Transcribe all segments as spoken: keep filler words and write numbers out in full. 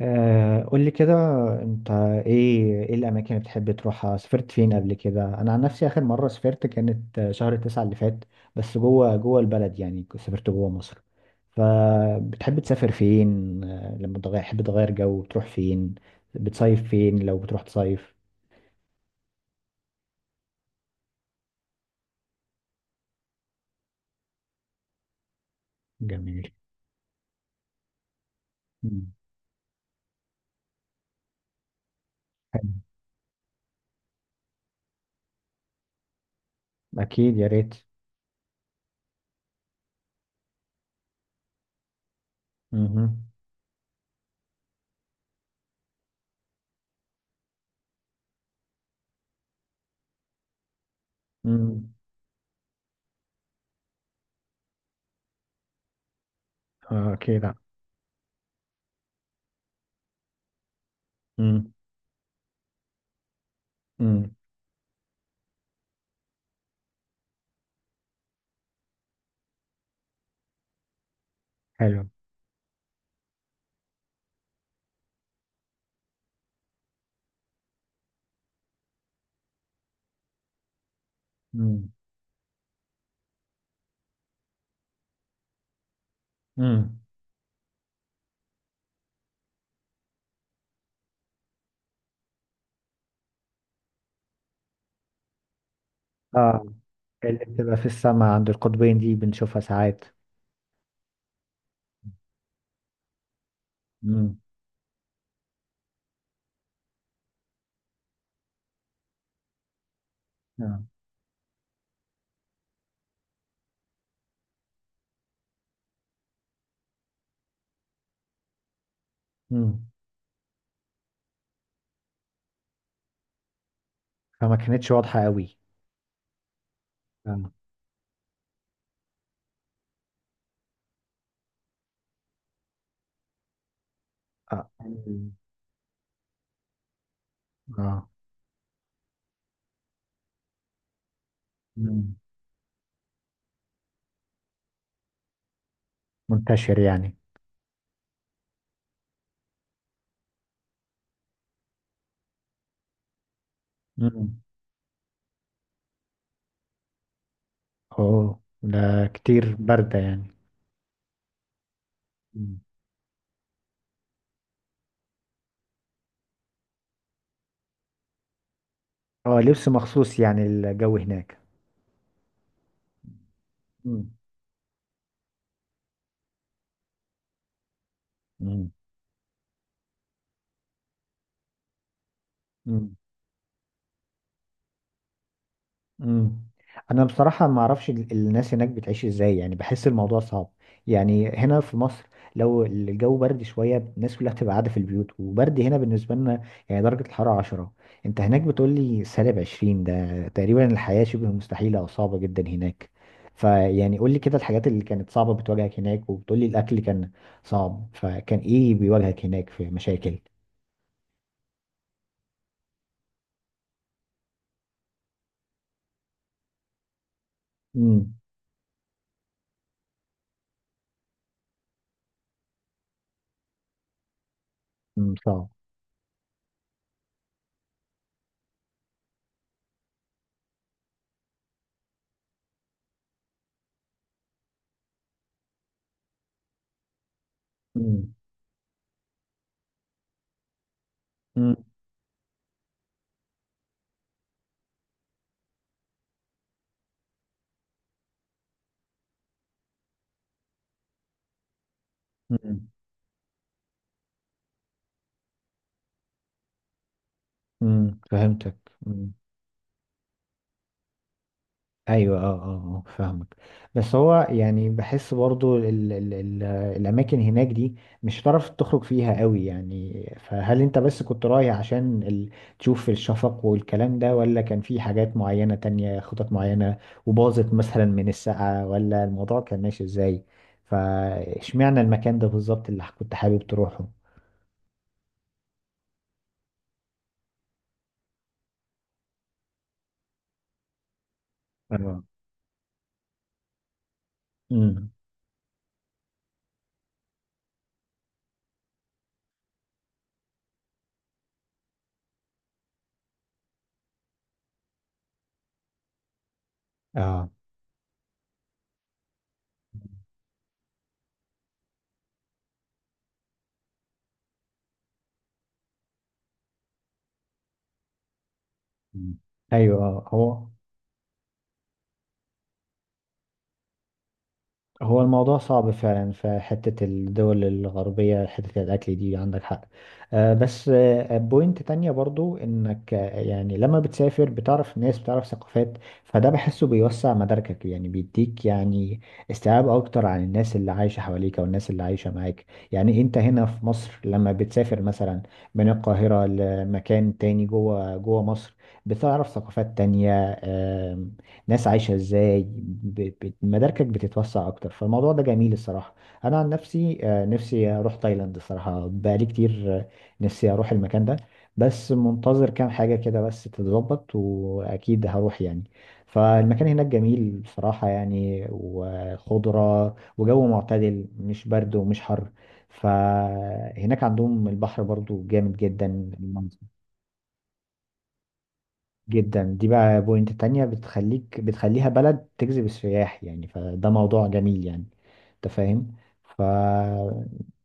آه، قول لي كده. انت، ايه ايه الاماكن اللي بتحب تروحها؟ سافرت فين قبل كده؟ انا عن نفسي اخر مره سافرت كانت آه، شهر تسعة اللي فات، بس جوه جوه البلد، يعني كنت سافرت جوه مصر. فبتحب تسافر فين؟ آه، لما تغير، تحب تغير جو، بتروح فين؟ بتصيف فين لو بتروح تصيف؟ جميل. مم. حلو. اكيد، يا ريت. مهم. مم. آه، اكيد. مم. مم. حلو. مم. مم. اه، اللي بتبقى في السماء عند القطبين، دي بنشوفها ساعات. امم. آه. امم. فما كانتش واضحة قوي. اه. اه. آه. مم. منتشر يعني. امم. اوه ده كتير باردة يعني. مم. اه، لبس مخصوص يعني الجو هناك. امم. مم. انا بصراحه ما اعرفش ال- الناس هناك بتعيش ازاي، يعني بحس الموضوع صعب. يعني هنا في مصر، لو الجو برد شويه، الناس كلها بتبقى قاعده في البيوت، وبرد هنا بالنسبه لنا يعني درجه الحراره عشرة. انت هناك بتقول لي سالب عشرين، ده تقريبا الحياه شبه مستحيله او صعبه جدا هناك. فيعني قول لي كده الحاجات اللي كانت صعبه بتواجهك هناك، وبتقول لي الاكل كان صعب، فكان ايه بيواجهك هناك في مشاكل؟ امم. صعب. امم. امم. امم، فهمتك. ايوه. اه. اه. آه، فاهمك. بس هو يعني بحس برضو ال ال ال الاماكن هناك دي مش هتعرف تخرج فيها قوي يعني. فهل انت بس كنت رايح عشان ال تشوف الشفق والكلام ده، ولا كان في حاجات معينة تانية، خطط معينة وباظت مثلا من السقعة، ولا الموضوع كان ماشي ازاي؟ فاشمعنى المكان ده بالظبط اللي كنت حابب تروحه؟ اه. امم. اه. مم. ايوه. آه، هو هو الموضوع صعب فعلا في حتة الدول الغربية، حتة الأكل دي عندك حق. آه، بس آه، بوينت تانية برضو إنك، آه، يعني لما بتسافر بتعرف ناس، بتعرف ثقافات، فده بحسه بيوسع مداركك يعني، بيديك يعني استيعاب أكتر عن الناس اللي عايشة حواليك أو الناس اللي عايشة معاك. يعني أنت هنا في مصر لما بتسافر مثلا من القاهرة لمكان تاني، جوه جوه مصر، بتعرف ثقافات تانية، ناس عايشه ازاي، ب- ب- مداركك بتتوسع اكتر، فالموضوع ده جميل الصراحه. انا عن نفسي آه، نفسي اروح تايلاند الصراحه، بقالي كتير آه، نفسي اروح المكان ده، بس منتظر كام حاجه كده بس تتظبط، واكيد هروح يعني. فالمكان هناك جميل بصراحه يعني، وخضره وجو معتدل، مش برد ومش حر. فهناك عندهم البحر برضو جامد جدا. جدا، دي بقى بوينت تانية بتخليك، بتخليها بلد تجذب السياح يعني، فده موضوع جميل يعني، انت فاهم. ف،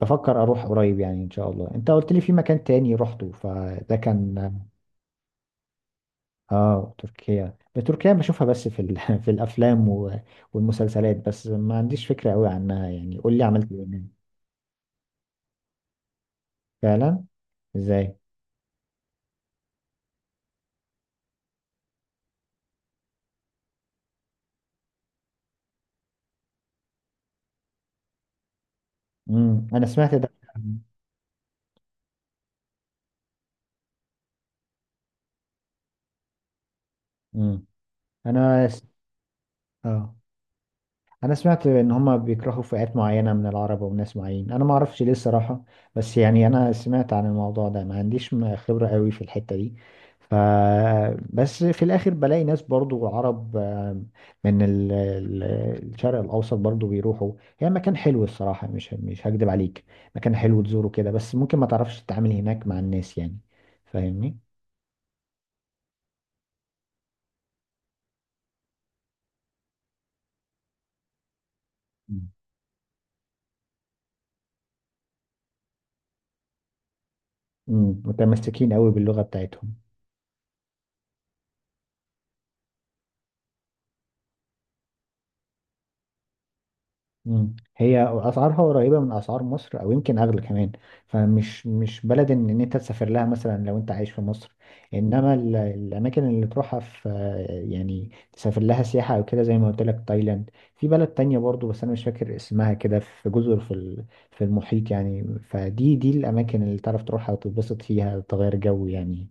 بفكر اروح قريب يعني ان شاء الله. انت قلت لي في مكان تاني رحته، فده كان؟ اه، تركيا. تركيا بشوفها بس في ال... في الافلام و... والمسلسلات، بس ما عنديش فكرة قوي عنها. يعني قول لي عملت ايه هناك. فعلا. ازاي؟ امم، انا سمعت ده. امم. انا س... اه، انا سمعت ان هما بيكرهوا فئات معينه من العرب وناس معين، انا ما اعرفش ليه الصراحه، بس يعني انا سمعت عن الموضوع ده، ما عنديش م- خبره قوي في الحته دي. ف، بس في الاخر بلاقي ناس برضو عرب، آه، من ال- ال- الشرق الاوسط برضو بيروحوا. هي مكان حلو الصراحه، مش مش هكدب عليك. مكان حلو تزوره كده، بس ممكن ما تعرفش تتعامل هناك مع الناس يعني، فاهمني. مم. مم، متمسكين قوي باللغه بتاعتهم. مم. هي اسعارها قريبه من اسعار مصر، او يمكن اغلى كمان. فمش مش بلد ان إن انت تسافر لها مثلا لو انت عايش في مصر. انما ال- الاماكن اللي تروحها في، يعني تسافر لها سياحه او كده، زي ما قلت لك تايلاند. في بلد تانية برضو بس انا مش فاكر اسمها كده، في جزر في ال- في المحيط يعني. فدي دي الاماكن اللي تعرف تروحها وتتبسط فيها، تغير جو يعني،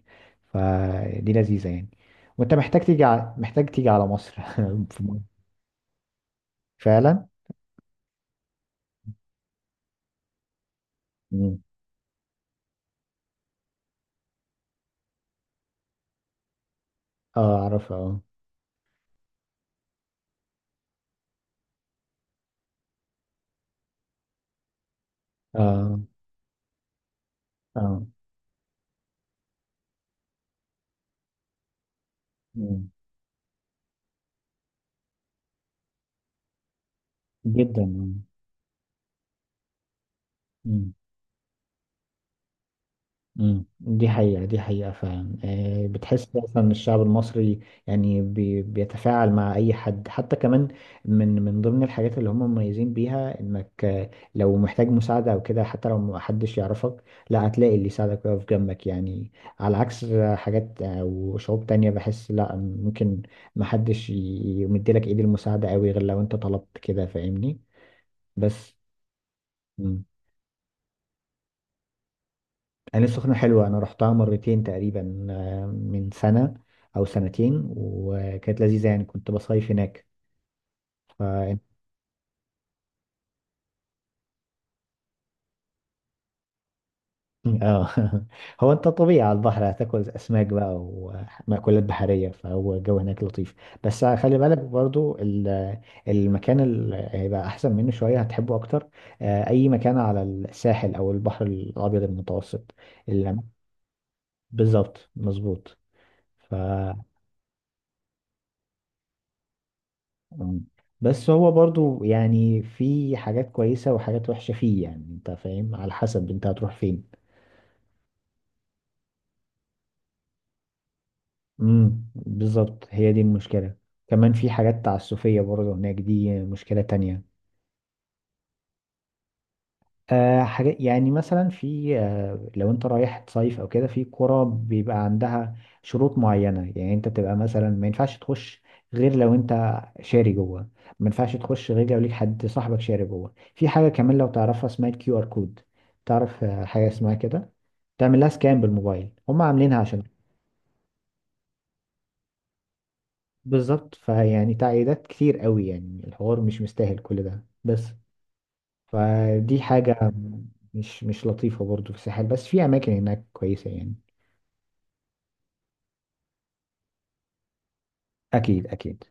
فدي لذيذه يعني. وانت محتاج تيجي ع- محتاج تيجي على مصر في مصر. فعلا. مم. اه، اعرفها، اه. اه. اه. مم. جدا. مم. مم. دي حقيقة، دي حقيقة فعلا. آه، بتحس أصلا الشعب المصري يعني بي بيتفاعل مع أي حد. حتى كمان من من ضمن الحاجات اللي هم مميزين بيها إنك، آه، لو محتاج مساعدة أو كده، حتى لو محدش يعرفك، لا، هتلاقي اللي يساعدك ويقف جنبك يعني. على عكس حاجات أو شعوب تانية بحس، لا ممكن محدش ي- يمدلك إيد المساعدة أوي غير لو أنت طلبت كده، فاهمني. بس، مم. عين السخنة حلوة، أنا رحتها مرتين تقريبا آه، من سنة أو سنتين، وكانت لذيذة يعني، كنت بصيف هناك. ف... اه. هو أنت طبيعي على البحر هتاكل أسماك بقى ومأكولات بحرية، فهو الجو هناك لطيف. بس خلي بالك برضو ال- المكان اللي هيبقى أحسن منه شوية هتحبه أكتر. آه، أي مكان على الساحل أو البحر الأبيض المتوسط، الأماكن- بالظبط، مظبوط. ف، مم. بس هو برضو يعني في حاجات كويسة وحاجات وحشة فيه يعني، انت فاهم، على حسب انت هتروح فين. امم، بالظبط، هي دي المشكلة. كمان في حاجات تعسفية برضو هناك، دي مشكلة تانية. آه، حاجات يعني مثلا في، آه، لو انت رايح تصيف او كده، في قرى بيبقى عندها شروط معينة يعني، انت بتبقى مثلا ما ينفعش تخش غير لو انت شاري جوه، ما ينفعش تخش غير لو ليك حد صاحبك شاري جوه في حاجة. كمان لو تعرفها اسمها الكيو ار كود، تعرف آه، حاجة اسمها كده، تعمل لها سكان بالموبايل، هم عاملينها عشان، بالظبط. فيعني تعقيدات كتير قوي يعني، الحوار مش مستاهل كل ده بس، فدي حاجة مش مش لطيفة برضو في الساحل، بس في أماكن هناك كويسة يعني. أكيد، أكيد.